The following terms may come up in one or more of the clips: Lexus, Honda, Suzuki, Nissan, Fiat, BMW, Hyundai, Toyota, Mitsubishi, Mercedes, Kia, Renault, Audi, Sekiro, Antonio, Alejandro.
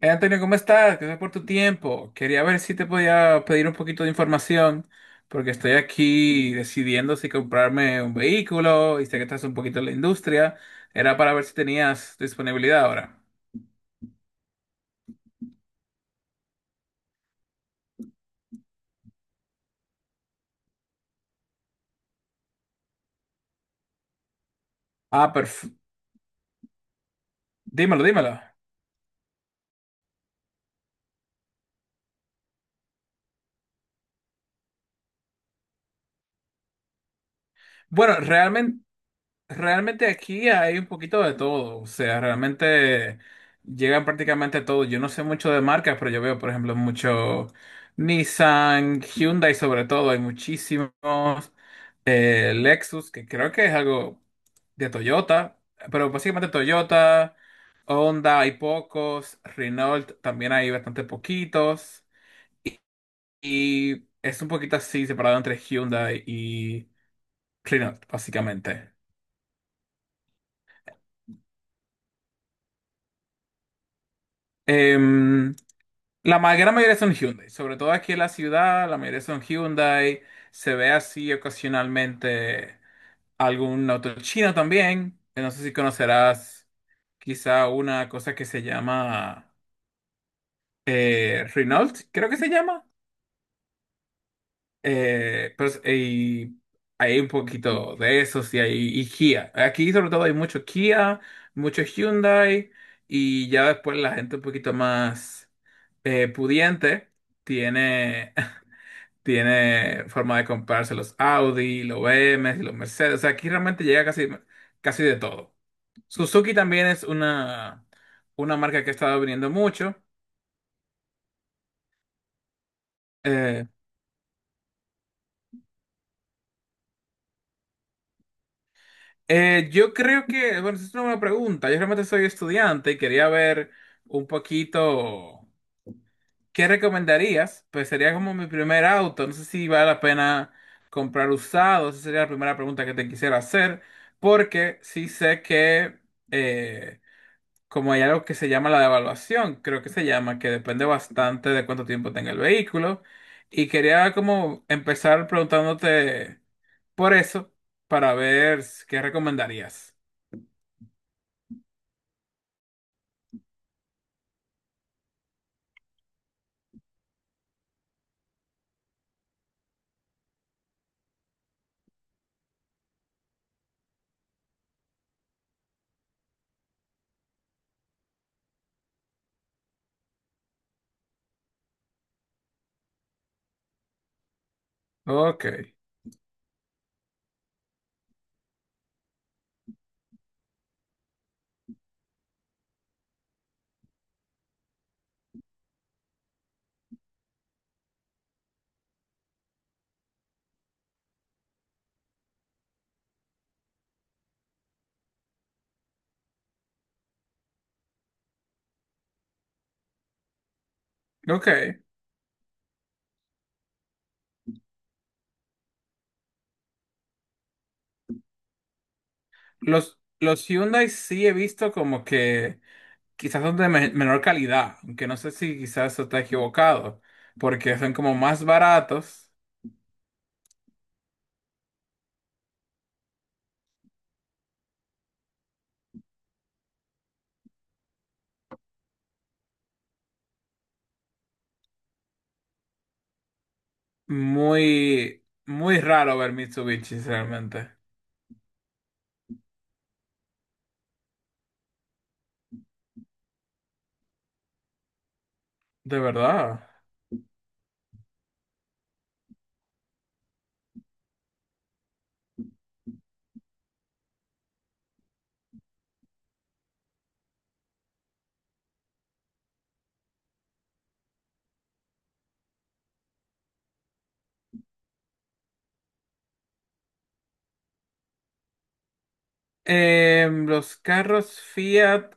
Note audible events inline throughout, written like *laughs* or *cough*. Antonio, ¿cómo estás? Gracias por tu tiempo. Quería ver si te podía pedir un poquito de información, porque estoy aquí decidiendo si comprarme un vehículo y sé que estás un poquito en la industria. Era para ver si tenías disponibilidad ahora. Ah, perfecto. Dímelo, dímelo. Bueno, realmente aquí hay un poquito de todo, o sea, realmente llegan prácticamente todo. Yo no sé mucho de marcas, pero yo veo, por ejemplo, mucho Nissan, Hyundai sobre todo, hay muchísimos, Lexus, que creo que es algo de Toyota, pero básicamente Toyota, Honda hay pocos, Renault también hay bastante poquitos, y es un poquito así separado entre Hyundai y Renault, básicamente. Em, gran mayoría son Hyundai, sobre todo aquí en la ciudad, la mayoría son Hyundai. Se ve así ocasionalmente algún auto chino también. No sé si conocerás quizá una cosa que se llama Renault, creo que se llama. Y hay un poquito de eso, sí, hay, y Kia. Aquí sobre todo hay mucho Kia, mucho Hyundai y ya después la gente un poquito más pudiente tiene tiene forma de comprarse los Audi, los BMW, los Mercedes. O sea, aquí realmente llega casi, casi de todo. Suzuki también es una marca que ha estado viniendo mucho. Eh, yo creo que, bueno, esa es una buena pregunta. Yo realmente soy estudiante y quería ver un poquito qué recomendarías. Pues sería como mi primer auto. No sé si vale la pena comprar usado. Esa sería la primera pregunta que te quisiera hacer. Porque sí sé que... eh, como hay algo que se llama la devaluación, creo que se llama, que depende bastante de cuánto tiempo tenga el vehículo. Y quería como empezar preguntándote por eso, para ver qué recomendarías. Ok, ok. Los Hyundai sí he visto como que quizás son de menor calidad, aunque no sé si quizás eso está equivocado, porque son como más baratos, muy, muy raro ver Mitsubishi realmente, de verdad. Los carros Fiat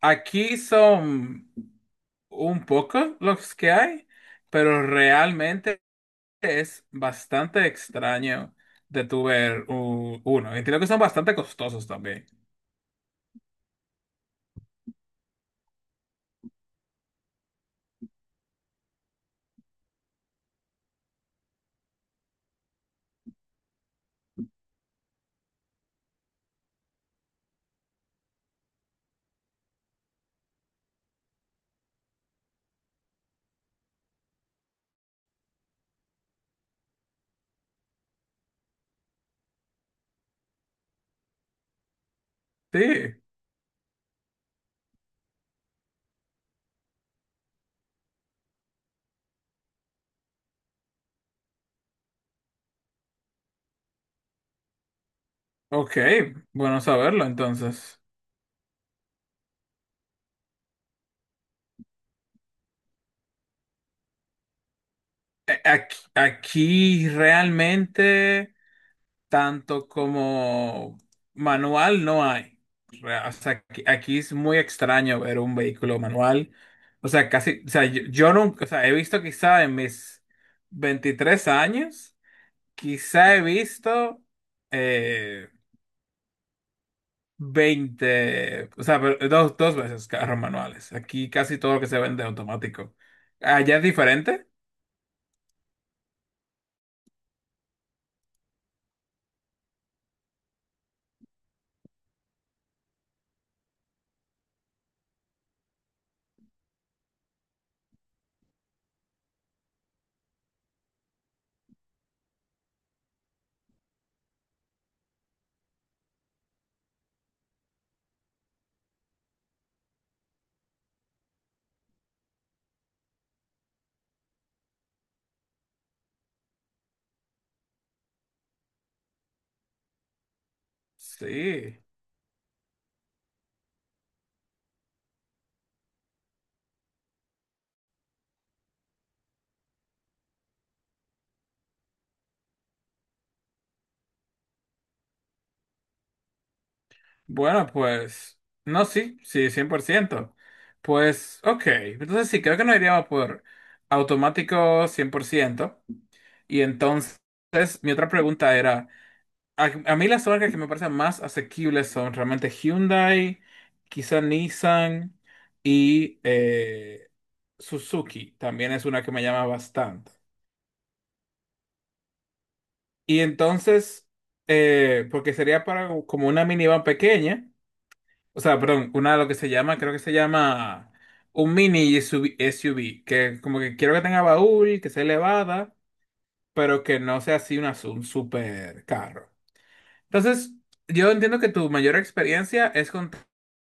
aquí son un poco los que hay, pero realmente es bastante extraño de tu ver uno. Entiendo que son bastante costosos también. Sí, ok, bueno saberlo entonces. Aquí, realmente... tanto como manual no hay. O sea, aquí, aquí es muy extraño ver un vehículo manual. O sea, casi, o sea, yo nunca, o sea, he visto quizá en mis 23 años, quizá he visto, eh, 20, o sea, pero dos, dos veces carros manuales. Aquí casi todo lo que se vende es automático. ¿Allá es diferente? Sí. Bueno, pues, no, sí, sí, 100%. Pues, ok, entonces sí, creo que nos iríamos por automático 100%. Y entonces, mi otra pregunta era, a mí las marcas que me parecen más asequibles son realmente Hyundai, quizá Nissan y Suzuki, también es una que me llama bastante. Y entonces, porque sería para como una minivan pequeña, o sea, perdón, una de lo que se llama, creo que se llama un mini SUV, SUV, que como que quiero que tenga baúl, que sea elevada, pero que no sea así una, un super carro. Entonces, yo entiendo que tu mayor experiencia es con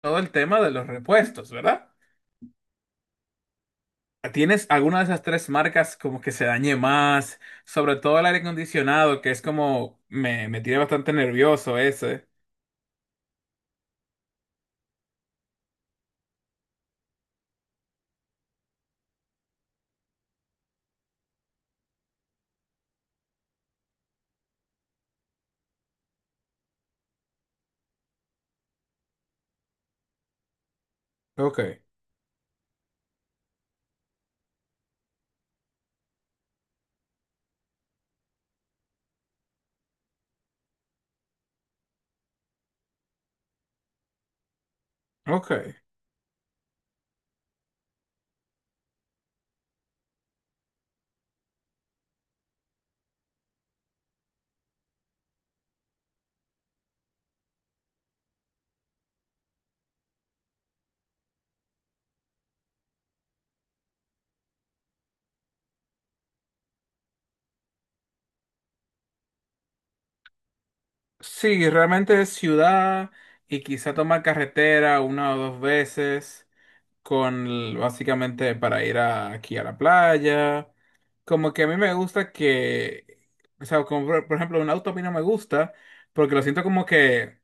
todo el tema de los repuestos, ¿verdad? ¿Tienes alguna de esas tres marcas como que se dañe más? Sobre todo el aire acondicionado, que es como me tiene bastante nervioso ese. Ok, ok. Sí, realmente es ciudad y quizá tomar carretera una o dos veces. Básicamente para ir aquí a la playa. Como que a mí me gusta que, o sea, como por ejemplo, un auto a mí no me gusta porque lo siento como que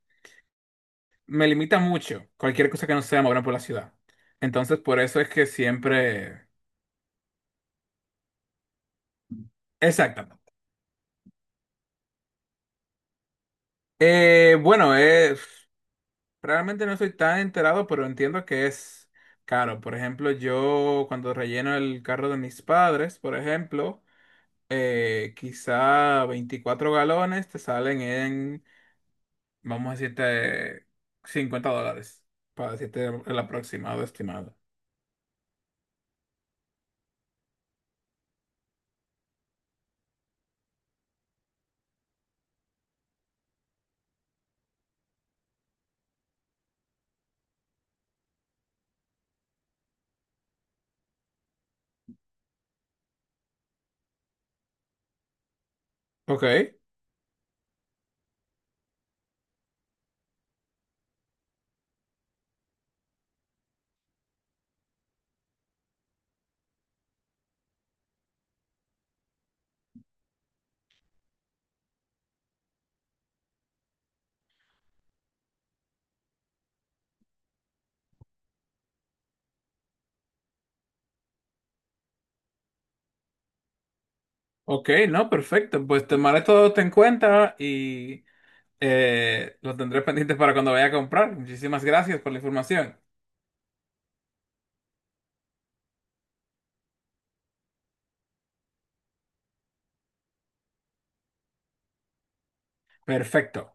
me limita mucho cualquier cosa que no sea moverme por la ciudad. Entonces, por eso es que siempre... Exactamente. Bueno, realmente no soy tan enterado, pero entiendo que es caro. Por ejemplo, yo cuando relleno el carro de mis padres, por ejemplo, quizá 24 galones te salen en, vamos a decirte, $50, para decirte el aproximado estimado. Ok, ok, no, perfecto. Pues tomaré todo esto en cuenta y lo tendré *laughs* pendiente para cuando vaya a comprar. Muchísimas gracias por la información. Perfecto.